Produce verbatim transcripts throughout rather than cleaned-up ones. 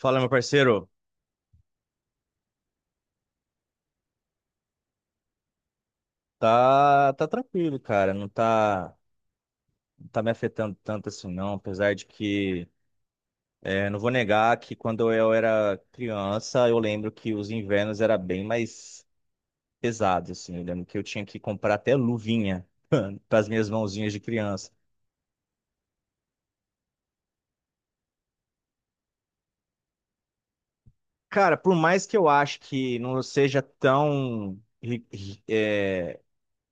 Fala, meu parceiro. Tá, tá tranquilo, cara. Não tá, não tá me afetando tanto assim, não. Apesar de que, é, não vou negar que quando eu era criança, eu lembro que os invernos era bem mais pesados assim. Eu lembro que eu tinha que comprar até luvinha para as minhas mãozinhas de criança. Cara, por mais que eu ache que não seja tão ri- ri- é,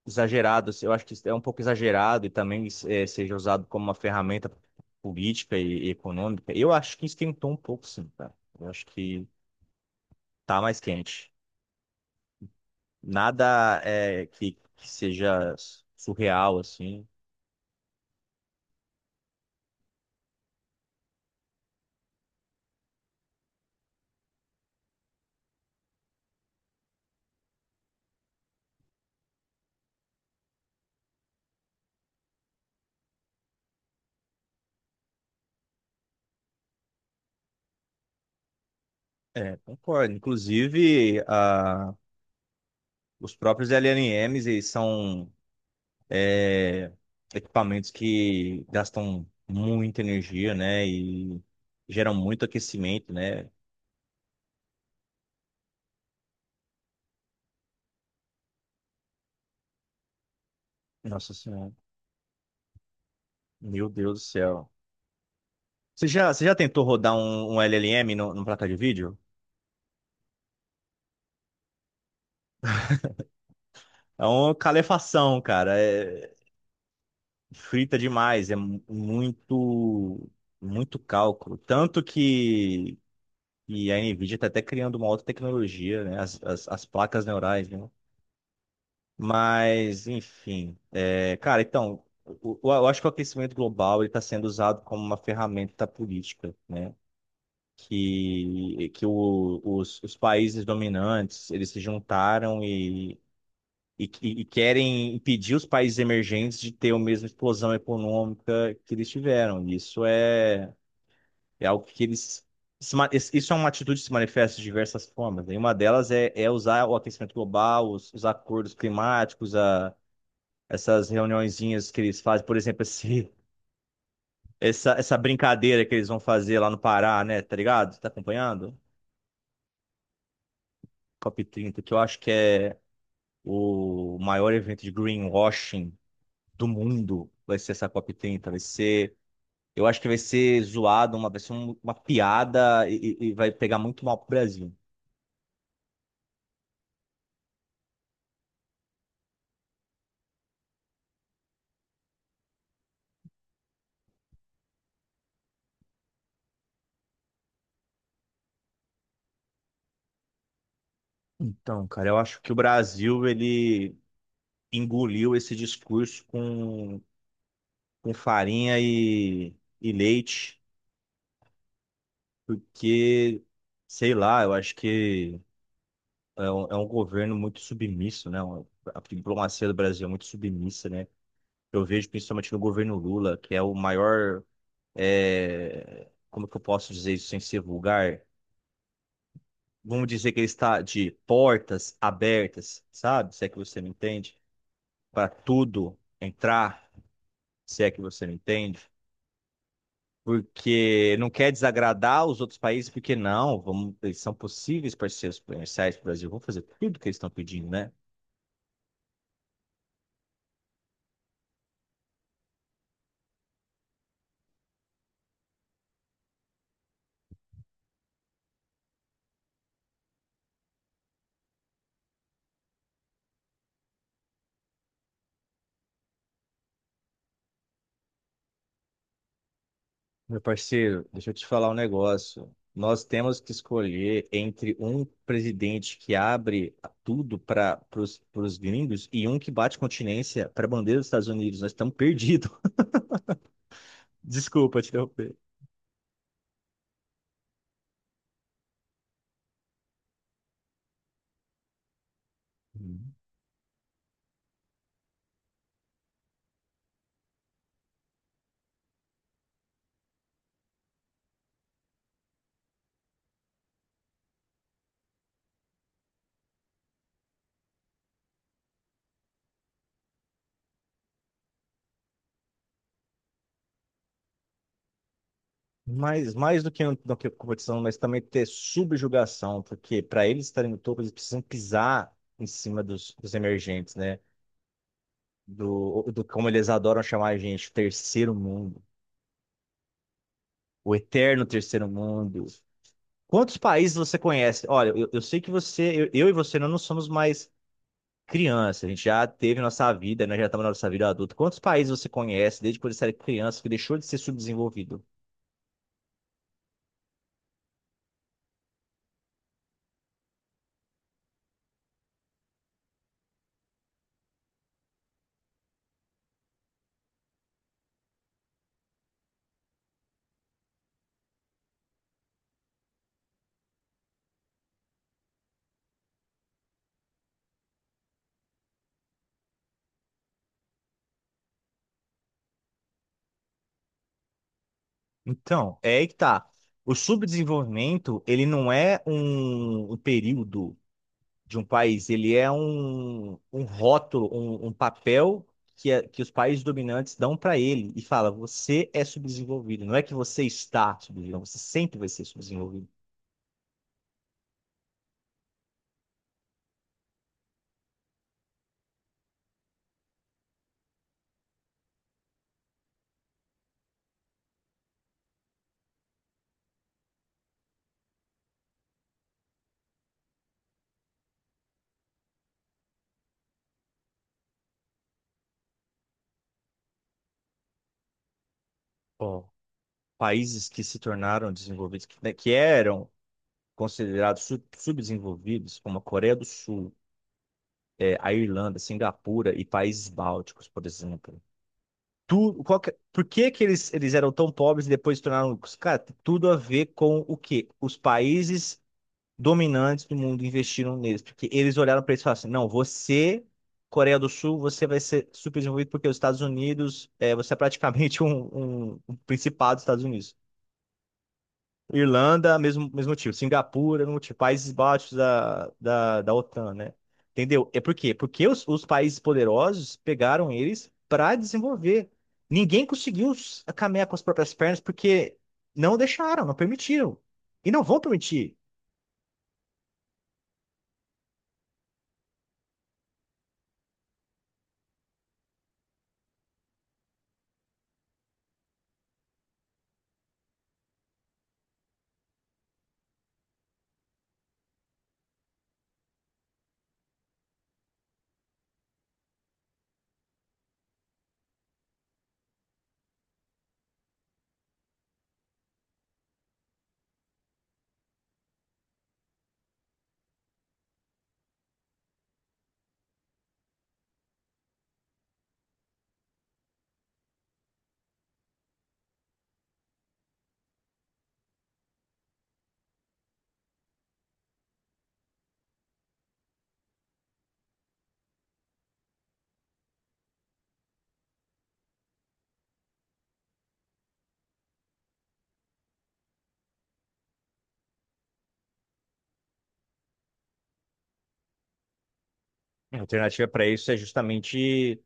exagerado. Assim, eu acho que isso é um pouco exagerado e também eh, seja usado como uma ferramenta política e, e econômica. Eu acho que esquentou um pouco, sim, cara. Eu acho que tá mais quente. Nada é que, que seja surreal, assim. É, concordo. Inclusive, a, os próprios L L Ms, eles são eh, equipamentos que gastam muita energia, né? E geram muito aquecimento, né? Nossa Senhora. Meu Deus do céu. Você já, você já tentou rodar um, um L L M no, numa placa de vídeo? É uma calefação, cara. É frita demais. É mu- muito, muito cálculo. Tanto que, que a NVIDIA está até criando uma outra tecnologia, né? As, as, as placas neurais, né? Mas, enfim. É, cara, então, o- o- eu acho que o aquecimento global está sendo usado como uma ferramenta política, né? que, que o- os, os países dominantes, eles se juntaram e e, que- e querem impedir os países emergentes de ter a mesma explosão econômica que eles tiveram. Isso é, é algo que eles. Se ma- es- Isso é uma atitude que se manifesta de diversas formas, né? E uma delas é, é usar o aquecimento global, os, os acordos climáticos, a, essas reuniõezinhas que eles fazem, por exemplo, esse, essa, essa brincadeira que eles vão fazer lá no Pará, né? Tá ligado? Tá acompanhando? COP trinta, que eu acho que é o maior evento de greenwashing do mundo, vai ser essa COP trinta. Vai ser. Eu acho que vai ser zoado, uma, vai ser um- uma piada e, e- e vai pegar muito mal pro Brasil. Então, cara, eu acho que o Brasil, ele engoliu esse discurso com, com farinha e, e leite, porque, sei lá, eu acho que é um, é um governo muito submisso, né? A diplomacia do Brasil é muito submissa, né? Eu vejo principalmente no governo Lula, que é o maior é, como que eu posso dizer isso sem ser vulgar? Vamos dizer que ele está de portas abertas, sabe? Se é que você me entende, para tudo entrar, se é que você me entende, porque não quer desagradar os outros países, porque não, vamos, eles são possíveis parceiros comerciais do Brasil, vão fazer tudo que eles estão pedindo, né? Meu parceiro, deixa eu te falar um negócio. Nós temos que escolher entre um presidente que abre tudo para os gringos e um que bate continência para a bandeira dos Estados Unidos. Nós estamos perdidos. Desculpa te interromper. Uhum. Mas mais do que, do que competição, mas também ter subjugação, porque para eles estarem no topo, eles precisam pisar em cima dos, dos emergentes, né? Do, do como eles adoram chamar a gente, terceiro mundo, o eterno terceiro mundo. Quantos países você conhece? Olha, eu, eu sei que você, eu, eu e você, nós não somos mais criança, a gente já teve nossa vida, nós já estamos na nossa vida adulta. Quantos países você conhece desde quando você era criança que deixou de ser subdesenvolvido? Então, é aí que tá. O subdesenvolvimento, ele não é um, um período de um país, ele é um, um rótulo, um, um papel que, é- que os países dominantes dão para ele e fala, você é subdesenvolvido, não é que você está subdesenvolvido, você sempre vai ser subdesenvolvido. Ó, países que se tornaram desenvolvidos, que, né, que eram considerados sub- subdesenvolvidos, como a Coreia do Sul, eh, a Irlanda, Singapura e países bálticos, por exemplo. Tu, qual que- por que que eles, eles eram tão pobres e depois se tornaram ricos? Cara, tem tudo a ver com o quê? Os países dominantes do mundo investiram neles, porque eles olharam para eles e falaram assim, não, você... Coreia do Sul, você vai ser subdesenvolvido porque os Estados Unidos, eh, você é praticamente um, um, um principado dos Estados Unidos. Irlanda, mesmo, mesmo motivo. Singapura, mesmo motivo. Países Baixos da, da, da OTAN, né? Entendeu? É por quê? Porque os, os países poderosos pegaram eles para desenvolver. Ninguém conseguiu s- caminhar com as próprias pernas porque não deixaram, não permitiram. E não vão permitir. A alternativa para isso é justamente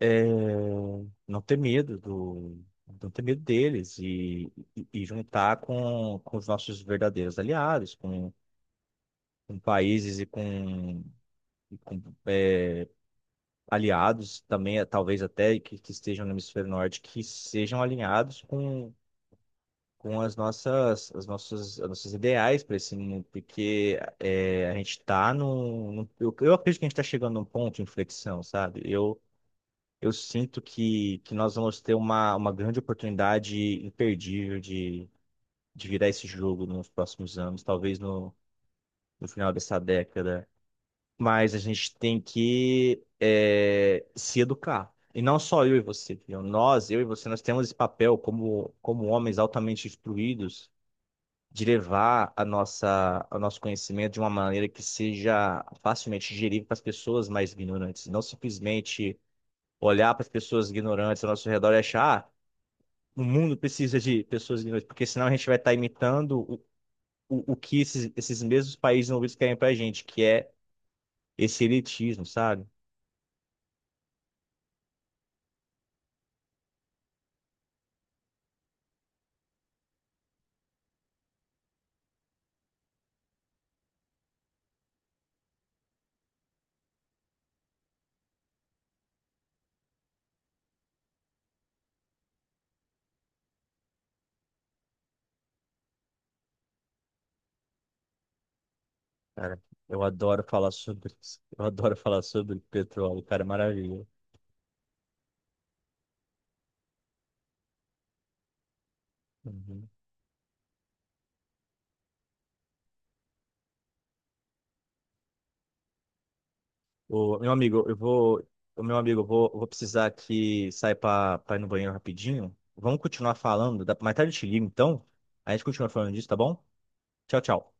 é, não ter medo do, não ter medo deles e, e, e juntar com, com os nossos verdadeiros aliados, com, com países e com e com aliados também, eh, talvez até que, que estejam no hemisfério norte, que sejam alinhados com, com as nossas, as nossas, as nossas ideais para esse mundo, porque eh, a gente está num, num- eu, eu acredito que a gente está chegando num ponto de inflexão, sabe? Eu, eu sinto que, que nós vamos ter uma, uma grande oportunidade imperdível de, de virar esse jogo nos próximos anos, talvez no, no final dessa década. Mas a gente tem que é, se educar. E não só eu e você, entendeu? Nós, eu e você, nós temos esse papel como, como homens altamente instruídos de levar a nossa, o nosso conhecimento de uma maneira que seja facilmente digerível para as pessoas mais ignorantes. Não simplesmente olhar para as pessoas ignorantes ao nosso redor e achar, ah, o mundo precisa de pessoas ignorantes, porque senão a gente vai estar imitando o, o, o que esses, esses mesmos países envolvidos querem para a gente, que é esse elitismo, sabe? Cara, eu adoro falar sobre isso. Eu adoro falar sobre petróleo, cara, é maravilha. Uhum. O meu amigo, eu vou, o meu amigo, eu vou, eu vou precisar que sair para ir no banheiro rapidinho. Vamos continuar falando, dá- mais tarde eu te ligo, então. A gente continua falando disso, tá bom? Tchau, tchau.